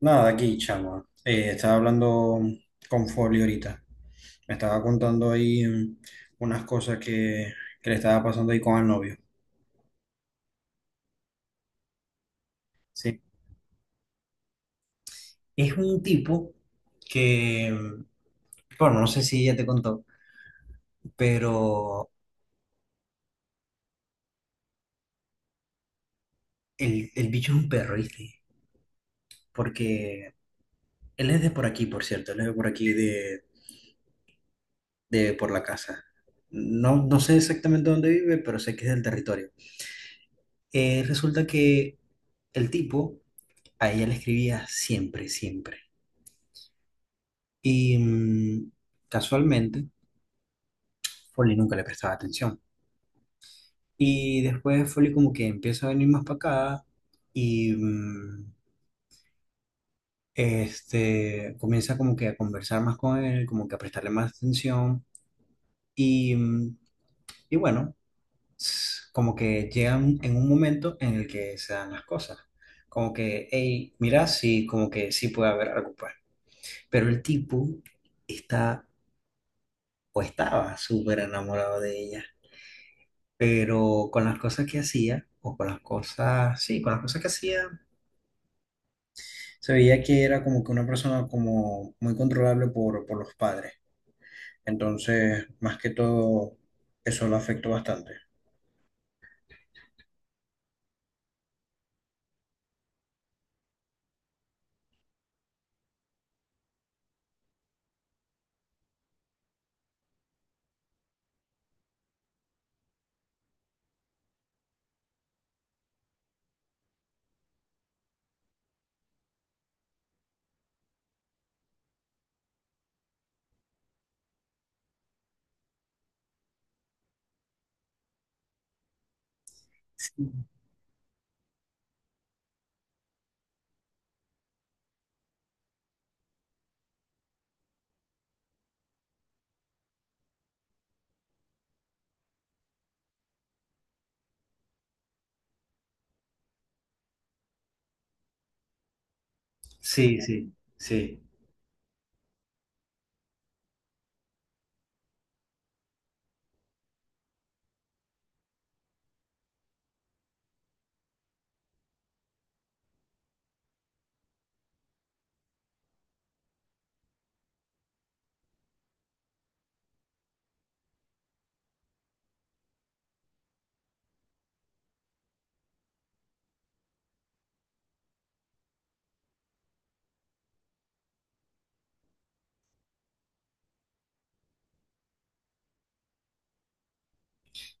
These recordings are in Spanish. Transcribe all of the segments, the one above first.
Nada, aquí, chama. Estaba hablando con Folio ahorita. Me estaba contando ahí unas cosas que le estaba pasando ahí con el novio. Sí. Es un tipo que, bueno, no sé si ya te contó, pero el bicho es un perro, ¿viste? Porque él es de por aquí, por cierto. Él es de por aquí, de por la casa. No sé exactamente dónde vive, pero sé que es del territorio. Resulta que el tipo a ella le escribía siempre, siempre. Y casualmente, Folly nunca le prestaba atención. Y después Folly como que empieza a venir más para acá y comienza como que a conversar más con él, como que a prestarle más atención. Y, mm, y bueno, como que llegan en un momento en el que se dan las cosas. Como que, hey, mira, sí, como que sí puede haber algo, pues. Pero el tipo está o estaba súper enamorado de ella, pero con las cosas que hacía, o con las cosas, sí, con las cosas que hacía, se veía que era como que una persona como muy controlable por los padres. Entonces, más que todo, eso lo afectó bastante. Sí, sí, sí, sí.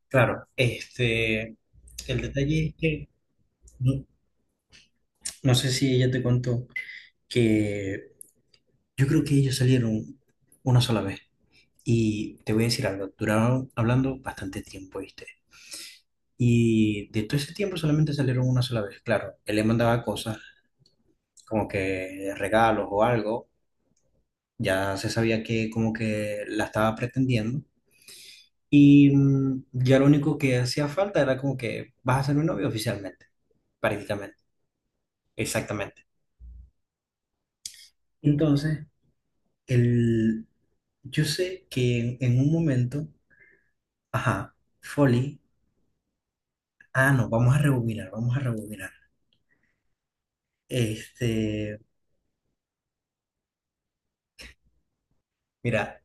Claro. Este, el detalle es que no, no sé si ella te contó que yo creo que ellos salieron una sola vez. Y te voy a decir algo, duraron hablando bastante tiempo, ¿viste? Y de todo ese tiempo solamente salieron una sola vez. Claro, él le mandaba cosas como que regalos o algo. Ya se sabía que como que la estaba pretendiendo. Y ya lo único que hacía falta era como que vas a ser mi novio oficialmente, prácticamente, exactamente. Entonces, el, yo sé que en un momento, ajá, Folly, ah, no, vamos a rebobinar, vamos a rebobinar. Este, Mira,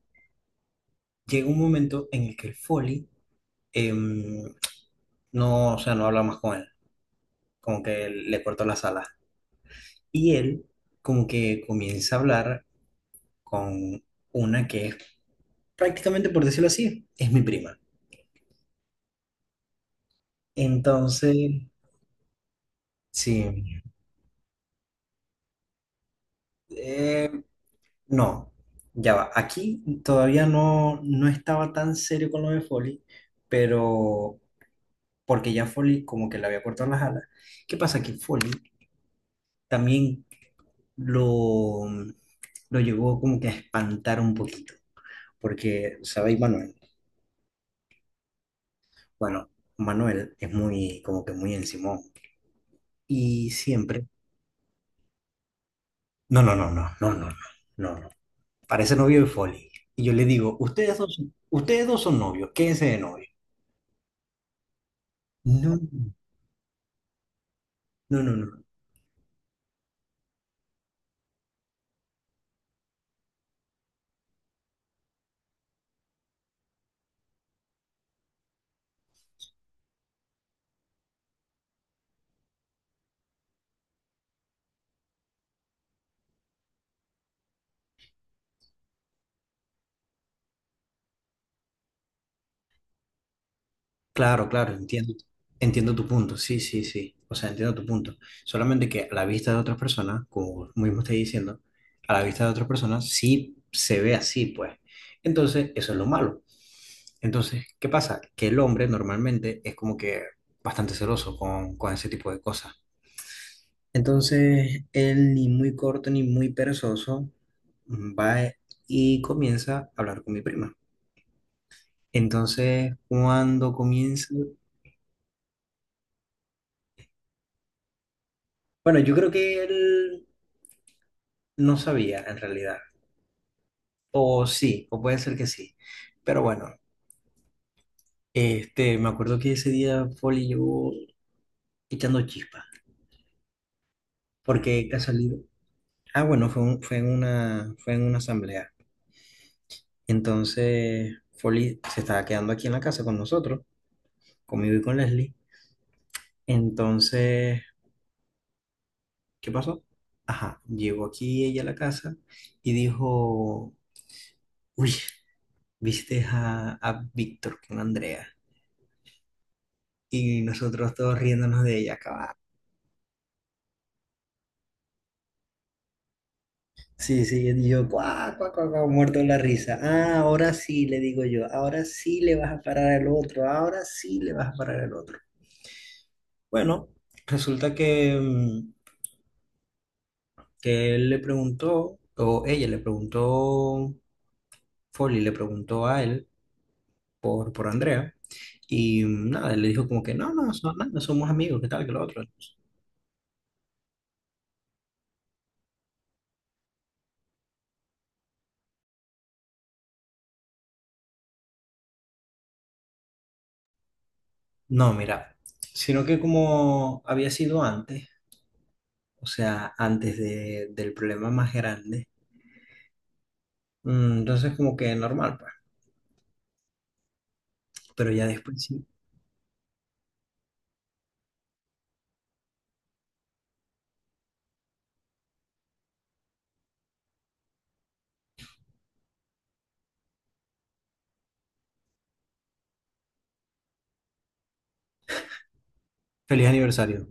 llega un momento en el que el Folly no, o sea, no habla más con él, como que le cortó las alas. Y él como que comienza a hablar con una que es prácticamente, por decirlo así, es mi prima. Entonces, sí, eh, no, ya va. Aquí todavía no estaba tan serio con lo de Foley, pero porque ya Foley como que le había cortado las alas. ¿Qué pasa? Que Foley también lo, lo llevó como que a espantar un poquito. Porque, ¿sabéis, Manuel? Bueno, Manuel es muy, como que muy encimón. Y siempre. No, no, no, no, no, no, no, no, no. Parece novio de Folly. Y yo le digo, ustedes dos, ustedes dos son novios, quédense de novios. No, no, no, no. Claro, claro, entiendo, entiendo tu punto, sí, sí, sí, o sea, entiendo tu punto. Solamente que a la vista de otras personas, como mismo estoy diciendo, a la vista de otras personas sí se ve así, pues. Entonces, eso es lo malo. Entonces, ¿qué pasa? Que el hombre normalmente es como que bastante celoso con ese tipo de cosas. Entonces, él ni muy corto ni muy perezoso va y comienza a hablar con mi prima. Entonces, cuando comienza bueno, yo creo que él no sabía en realidad. O sí, o puede ser que sí. Pero bueno, este, me acuerdo que ese día Folly llegó echando chispas. Porque casualidad. Ah, bueno, fue en una asamblea. Entonces, Folly se estaba quedando aquí en la casa con nosotros, conmigo y con Leslie. Entonces, ¿qué pasó? Ajá, llegó aquí ella a la casa y dijo, uy, ¿viste a Víctor con Andrea? Y nosotros todos riéndonos de ella, cabal. Sí, sí, y yo, cuá, cuá, cuá, cuá, muerto de la risa. Ah, ahora sí, le digo yo, ahora sí le vas a parar al otro, ahora sí le vas a parar al otro. Bueno, resulta que, que él le preguntó, o ella le preguntó, Folly le preguntó a él por Andrea, y nada, él le dijo como que no, no, nada, somos amigos, qué tal, que lo otro. No, mira, sino que como había sido antes, o sea, antes de, del problema más grande. Entonces, como que normal, pues. Pero ya después sí. Feliz aniversario.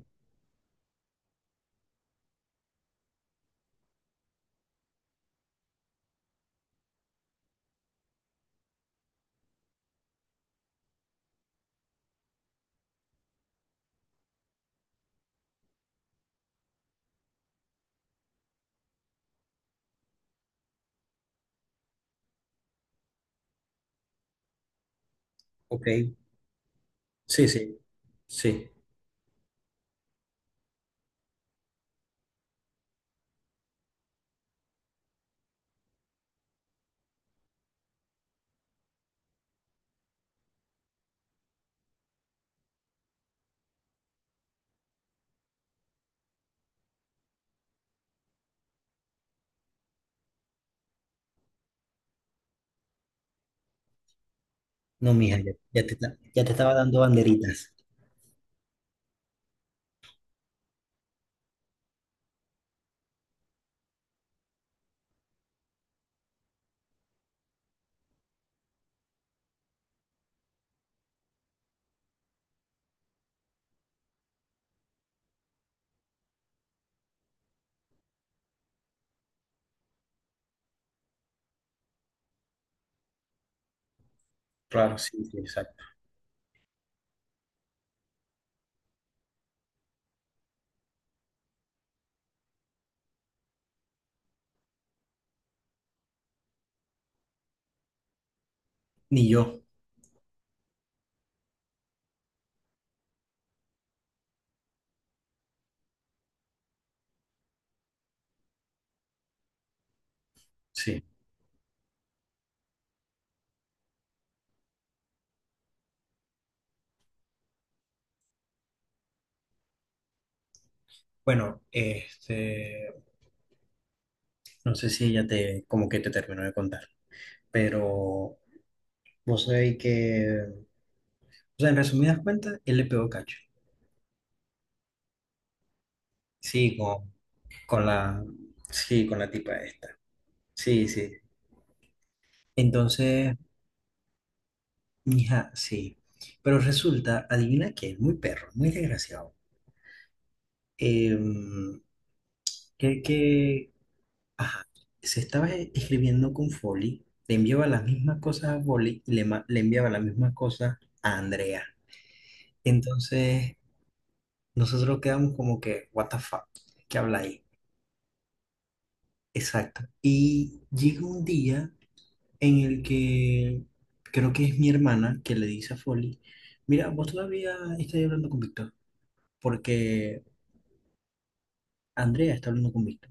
Ok. Sí, sí, sí. No, mija, ya, ya te estaba dando banderitas. Claro, sí, sí, exacto. Ni yo, sí. Bueno, este, no sé si ella te, como que te terminó de contar, pero vos sabéis que, o sea, en resumidas cuentas, él le pegó cacho. Sí, con la, sí, con la tipa esta. Sí, sí. Entonces, mija, sí. Pero resulta, adivina que es muy perro, muy desgraciado. Em, que, ajá, se estaba escribiendo con Foley, le enviaba las mismas cosas a Foley y le enviaba las mismas cosas a Andrea. Entonces, nosotros quedamos como que, what the fuck, ¿qué habla ahí? Exacto. Y llega un día en el que creo que es mi hermana que le dice a Foley, mira, vos todavía estás hablando con Víctor porque Andrea está hablando con Víctor.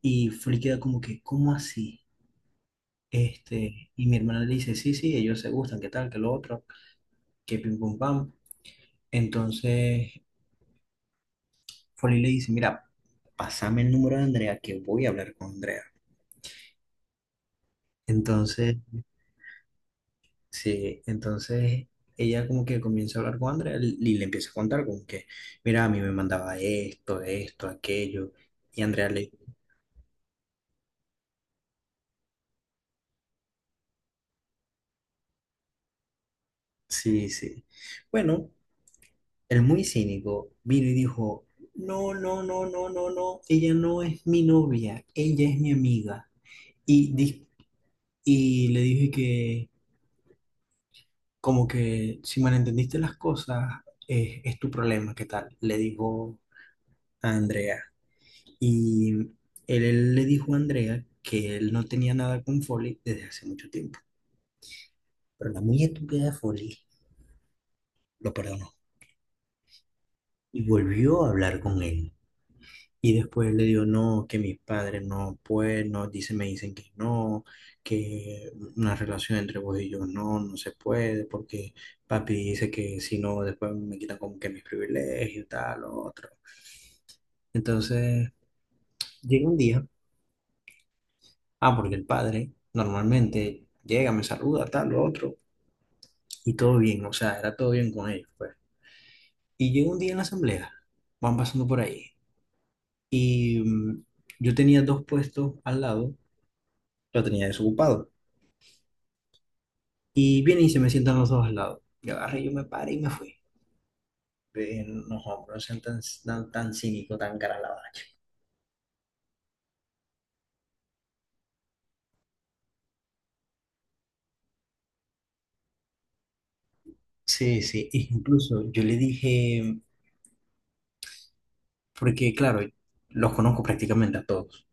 Y Flip queda como que, ¿cómo así? Este, y mi hermana le dice, sí, sí, ellos se gustan, qué tal, qué lo otro, que pim pum pam. Entonces, Foley le dice, mira, pásame el número de Andrea, que voy a hablar con Andrea. Entonces, sí, entonces ella como que comienza a hablar con Andrea y le empieza a contar como que, mira, a mí me mandaba esto, esto, aquello. Y Andrea le, sí, sí. Bueno, el muy cínico vino y dijo, no, no, no, no, no, no, ella no es mi novia, ella es mi amiga. Y, y le dije que, como que si malentendiste las cosas, es tu problema, ¿qué tal? Le dijo a Andrea. Y él le dijo a Andrea que él no tenía nada con Foley desde hace mucho tiempo. Pero la muy estúpida de Foley lo perdonó y volvió a hablar con él. Y después le digo, no, que mis padres no pueden, no, dice me dicen que no, que una relación entre vos y yo no, no se puede, porque papi dice que si no, después me quitan como que mis privilegios, tal, lo otro. Entonces, llega un día, ah, porque el padre normalmente llega, me saluda, tal, lo otro, y todo bien, o sea, era todo bien con ellos, pues. Y llega un día en la asamblea, van pasando por ahí, y yo tenía dos puestos al lado, lo tenía desocupado. Y viene y se me sientan los dos al lado. Y agarré, yo me paré y me fui. No, hombre, no sean tan, tan, tan cínico, tan cara la bacha. Sí, sí, e incluso yo le dije, porque claro, los conozco prácticamente a todos,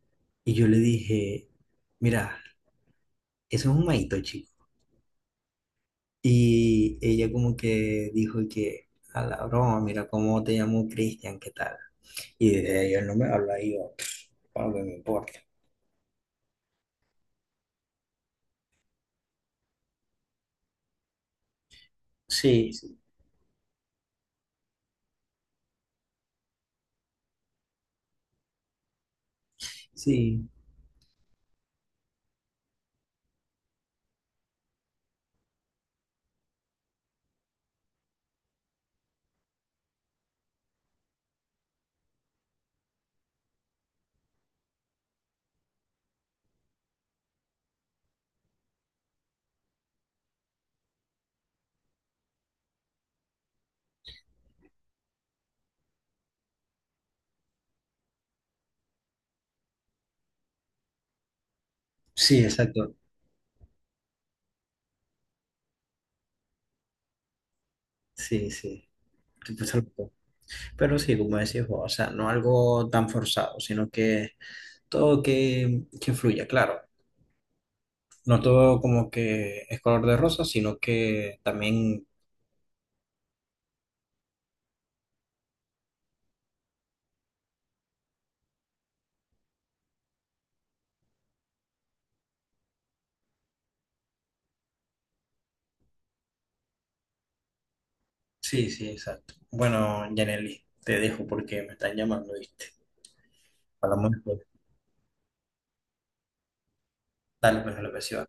y yo le dije, mira, eso es un maito, chico. Y ella como que dijo que, a la broma, mira cómo te llamo Cristian, ¿qué tal? Y desde ahí él no me habla, y yo, "Ah, no me importa". Sí, sí, sí, sí, exacto, sí, sí. Tú, pues, algo. Pero sí, como decís vos, o sea, no algo tan forzado, sino que todo que fluya, claro. No todo como que es color de rosa, sino que también... Sí, sí, exacto. Bueno, Yaneli, te dejo porque me están llamando, ¿viste? Hablamos después. Dale, pues, a la próxima.